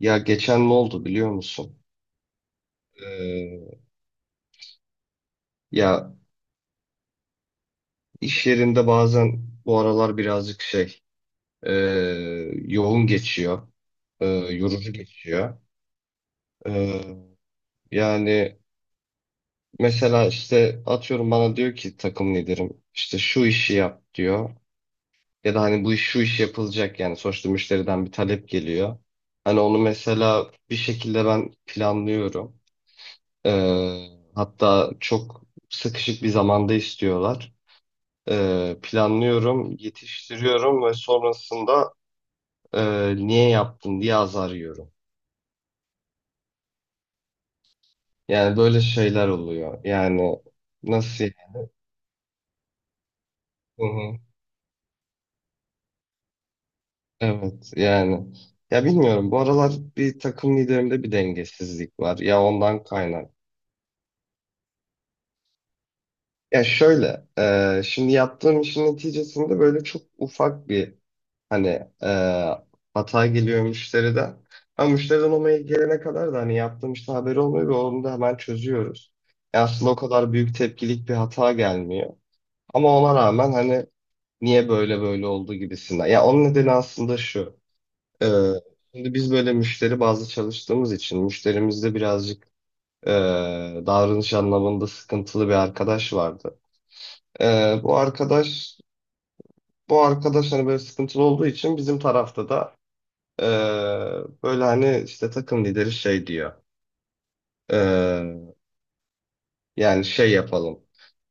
Ya geçen ne oldu biliyor musun? Ee, ya iş yerinde bazen bu aralar birazcık şey e, yoğun geçiyor, yorucu geçiyor. Ee, yani mesela işte atıyorum bana diyor ki takım liderim işte şu işi yap diyor. Ya da hani bu iş şu iş yapılacak yani sonuçta müşteriden bir talep geliyor. Hani onu mesela bir şekilde ben planlıyorum. Ee, hatta çok sıkışık bir zamanda istiyorlar. Planlıyorum, yetiştiriyorum ve sonrasında niye yaptın diye azar yiyorum. Yani böyle şeyler oluyor. Yani nasıl? Hı hı. Evet yani. Ya bilmiyorum, bu aralar bir takım liderimde bir dengesizlik var. Ya ondan kaynak. Ya şöyle, şimdi yaptığım işin neticesinde böyle çok ufak bir hani e, hata geliyor müşteriden. Ama müşteriden o mail gelene kadar da hani yaptığım işte haberi olmuyor ve onu da hemen çözüyoruz. Yani aslında o kadar büyük tepkilik bir hata gelmiyor. Ama ona rağmen hani niye böyle böyle oldu gibisinden. Ya onun nedeni aslında şu. E, Şimdi biz böyle müşteri bazlı çalıştığımız için müşterimizde birazcık e, davranış anlamında sıkıntılı bir arkadaş vardı. Bu arkadaş, hani böyle sıkıntılı olduğu için bizim tarafta da Ee, böyle hani işte takım lideri şey diyor. Ee, Yani şey yapalım.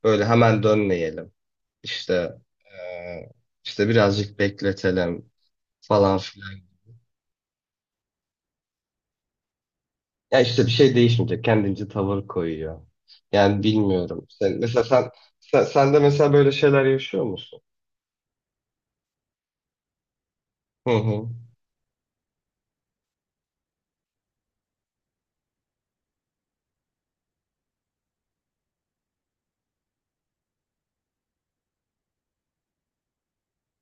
Böyle hemen dönmeyelim. İşte ee, işte birazcık bekletelim falan filan. Ya işte bir şey değişmeyecek. Kendince tavır koyuyor. Yani bilmiyorum. Sen de mesela böyle şeyler yaşıyor musun? Hı hı.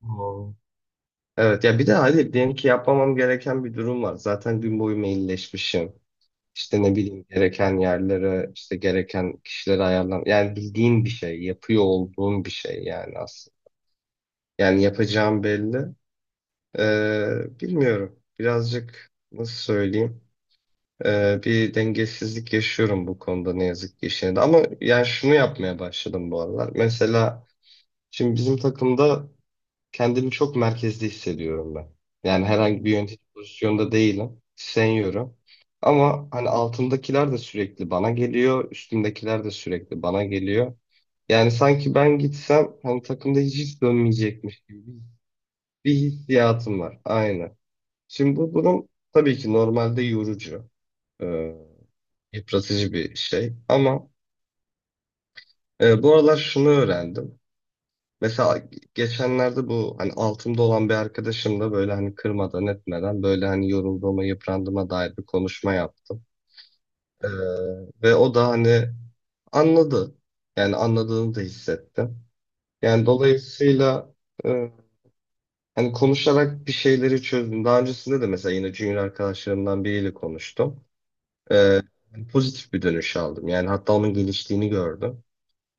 Hı. Evet, ya bir de hadi diyelim ki yapmamam gereken bir durum var. Zaten gün boyu mailleşmişim. İşte ne bileyim gereken yerlere, işte gereken kişilere ayarlan. Yani bildiğin bir şey, yapıyor olduğun bir şey yani aslında. Yani yapacağım belli. Bilmiyorum. Birazcık nasıl söyleyeyim? Bir dengesizlik yaşıyorum bu konuda ne yazık ki işine de. Ama yani şunu yapmaya başladım bu aralar. Mesela şimdi bizim takımda kendimi çok merkezde hissediyorum ben. Yani herhangi bir yönetici pozisyonda değilim. Seniyorum. Ama hani altımdakiler de sürekli bana geliyor. Üstümdekiler de sürekli bana geliyor. Yani sanki ben gitsem hani takımda hiç dönmeyecekmiş gibi bir hissiyatım var. Aynen. Şimdi bu durum tabii ki normalde yorucu, e, yıpratıcı bir şey. Ama bu aralar şunu öğrendim. Mesela geçenlerde bu hani altımda olan bir arkadaşımla böyle hani kırmadan etmeden böyle hani yorulduğuma, yıprandığıma dair bir konuşma yaptım. Ee, ve o da hani anladı. Yani anladığını da hissettim. Yani dolayısıyla e, hani konuşarak bir şeyleri çözdüm. Daha öncesinde de mesela yine junior arkadaşlarımdan biriyle konuştum. Ee, pozitif bir dönüş aldım. Yani hatta onun geliştiğini gördüm.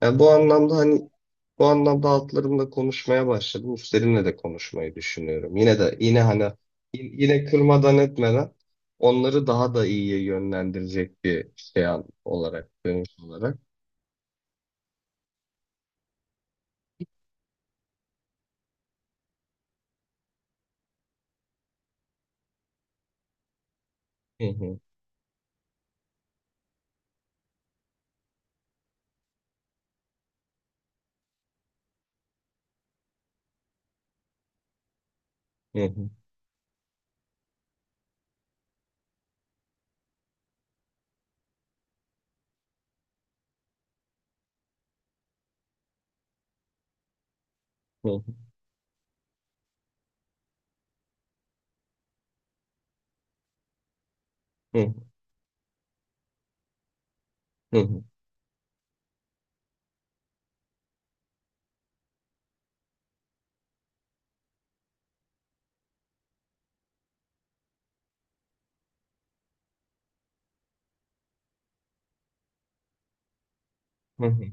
Yani bu anlamda hani bu anlamda altlarımla konuşmaya başladım. Üstlerimle de konuşmayı düşünüyorum. Yine de yine hani yine kırmadan etmeden onları daha da iyiye yönlendirecek bir şey olarak dönüş olarak. Hı hı, hı hı, hı hı, hı hı, hı hı, hı hı,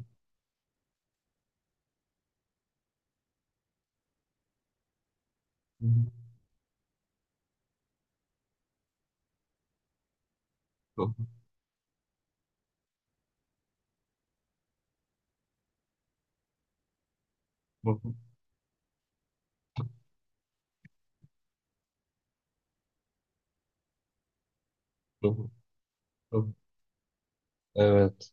hı hı, hı hı, hı hı. Hı hı. Evet.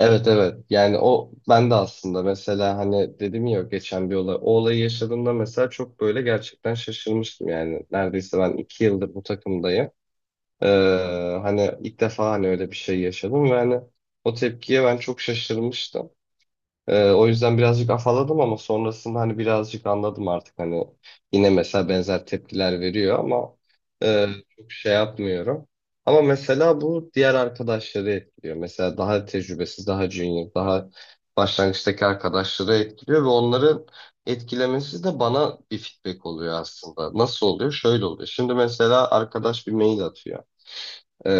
Evet, evet yani o, ben de aslında mesela hani dedim ya geçen bir olay, o olayı yaşadığımda mesela çok böyle gerçekten şaşırmıştım, yani neredeyse ben iki yıldır bu takımdayım. Ee, hani ilk defa hani öyle bir şey yaşadım ve hani o tepkiye ben çok şaşırmıştım. O yüzden birazcık afaladım ama sonrasında hani birazcık anladım artık hani yine mesela benzer tepkiler veriyor ama e, çok şey yapmıyorum. Ama mesela bu diğer arkadaşları etkiliyor. Mesela daha tecrübesiz, daha junior, daha başlangıçtaki arkadaşları etkiliyor ve onların etkilemesi de bana bir feedback oluyor aslında. Nasıl oluyor? Şöyle oluyor. Şimdi mesela arkadaş bir mail atıyor. Ee,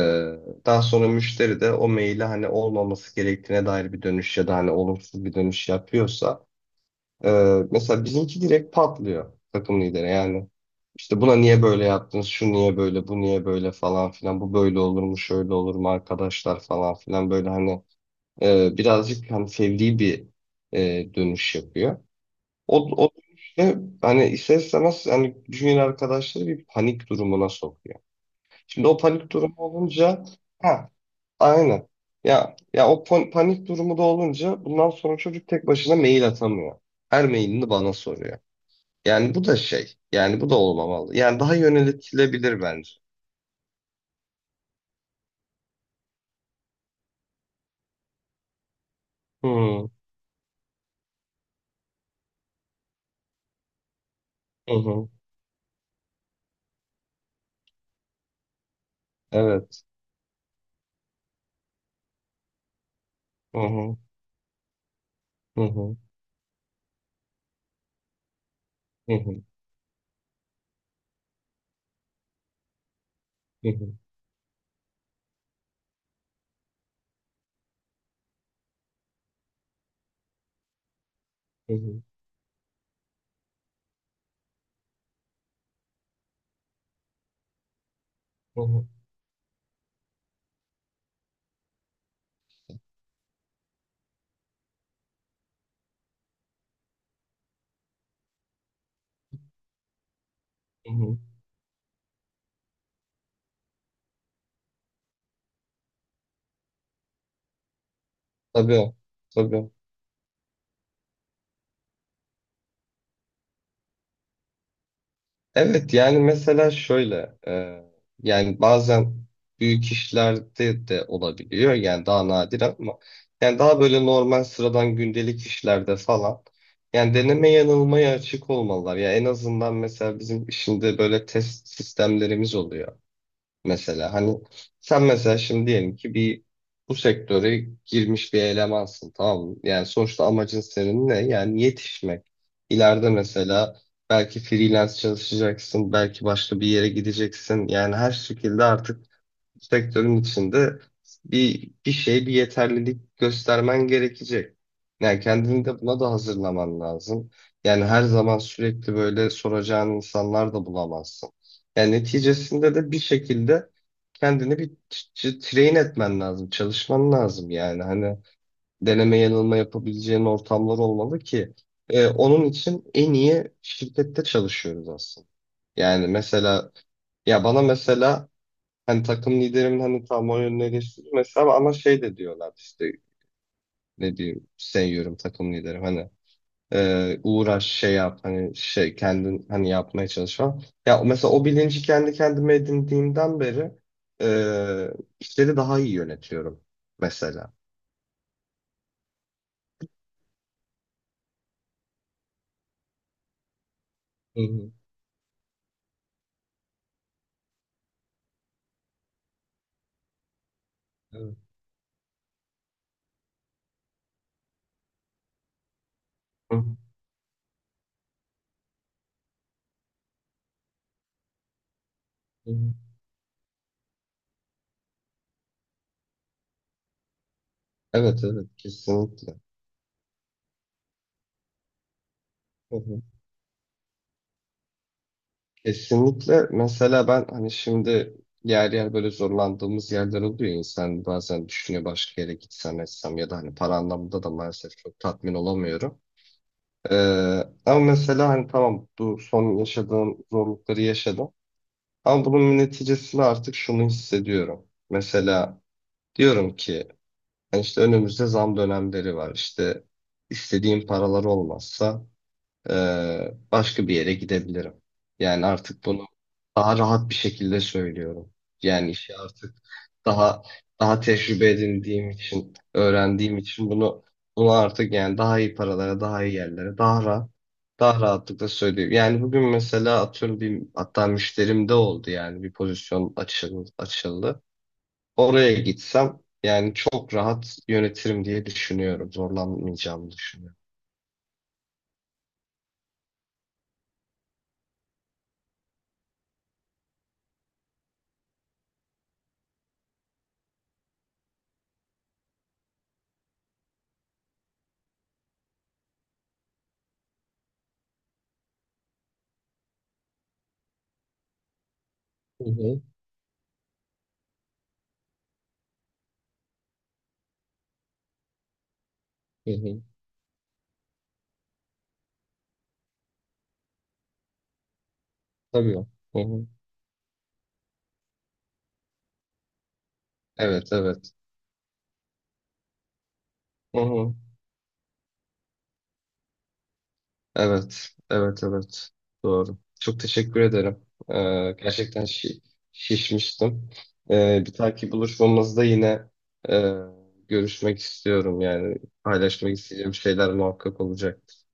daha sonra müşteri de o maile hani olmaması gerektiğine dair bir dönüş ya da hani olumsuz bir dönüş yapıyorsa e, mesela bizimki direkt patlıyor, takım lideri yani işte buna niye böyle yaptınız, şu niye böyle, bu niye böyle falan filan, bu böyle olur mu, şöyle olur mu arkadaşlar falan filan, böyle hani birazcık hani fevri bir dönüş yapıyor. O, o dönüşte hani ister istemez hani junior arkadaşları bir panik durumuna sokuyor. Şimdi o panik durumu olunca ha. Aynen. Ya ya o panik durumu da olunca bundan sonra çocuk tek başına mail atamıyor. Her mailini bana soruyor. Yani bu da şey. Yani bu da olmamalı. Yani daha yönetilebilir bence. Hı hı hı. Evet. Hı hı hı hı hı hı hı hı hı hı hı. Hı. Hı hı. Tabii. Tabii. Evet yani mesela şöyle, yani bazen büyük işlerde de olabiliyor yani daha nadir ama yani daha böyle normal sıradan gündelik işlerde falan yani deneme yanılmaya açık olmalılar. Ya en azından mesela bizim işinde böyle test sistemlerimiz oluyor. Mesela hani sen mesela şimdi diyelim ki bir bu sektöre girmiş bir elemansın, tamam mı? Yani sonuçta amacın senin ne? Yani yetişmek. İleride mesela belki freelance çalışacaksın, belki başka bir yere gideceksin. Yani her şekilde artık sektörün içinde bir şey, bir yeterlilik göstermen gerekecek. Yani kendini de buna da hazırlaman lazım. Yani her zaman sürekli böyle soracağın insanlar da bulamazsın. Yani neticesinde de bir şekilde kendini bir train etmen lazım, çalışman lazım yani. Hani deneme yanılma yapabileceğin ortamlar olmalı ki onun için en iyi şirkette çalışıyoruz aslında. Yani mesela ya bana mesela hani takım liderimin hani tam o yönüne geçti mesela ama şey de diyorlar işte ne diyeyim, seviyorum takım liderim hani uğraş şey yap hani şey kendin hani yapmaya çalış falan. Ya mesela o bilinci kendi kendime edindiğimden beri e, işleri daha iyi yönetiyorum mesela. Hı hı. Evet. Hı. Hı hı. Hı. Evet evet kesinlikle. Hı hı. Kesinlikle. Mesela ben hani şimdi yer yer böyle zorlandığımız yerler oluyor. İnsan bazen düşünüyor başka yere gitsem etsem, ya da hani para anlamında da maalesef çok tatmin olamıyorum. Ee, ama mesela hani tamam, bu son yaşadığım zorlukları yaşadım. Ama bunun neticesinde artık şunu hissediyorum. Mesela diyorum ki hani işte önümüzde zam dönemleri var. İşte istediğim paralar olmazsa başka bir yere gidebilirim. Yani artık bunu daha rahat bir şekilde söylüyorum. Yani işi artık daha daha tecrübe edindiğim için, öğrendiğim için bunu artık yani daha iyi paralara, daha iyi yerlere, daha rahat, daha rahatlıkla söylüyorum. Yani bugün mesela atıyorum bir, hatta müşterim de oldu, yani bir pozisyon açıldı. Oraya gitsem yani çok rahat yönetirim diye düşünüyorum. Zorlanmayacağımı düşünüyorum. Hı hı, hı hı. Tabii. Hı hı. Evet, evet. Hı hı. Evet, evet, evet. Doğru. Çok teşekkür ederim. Gerçekten şişmiştim. Bir dahaki buluşmamızda yine e, görüşmek istiyorum. Yani paylaşmak isteyeceğim şeyler muhakkak olacak.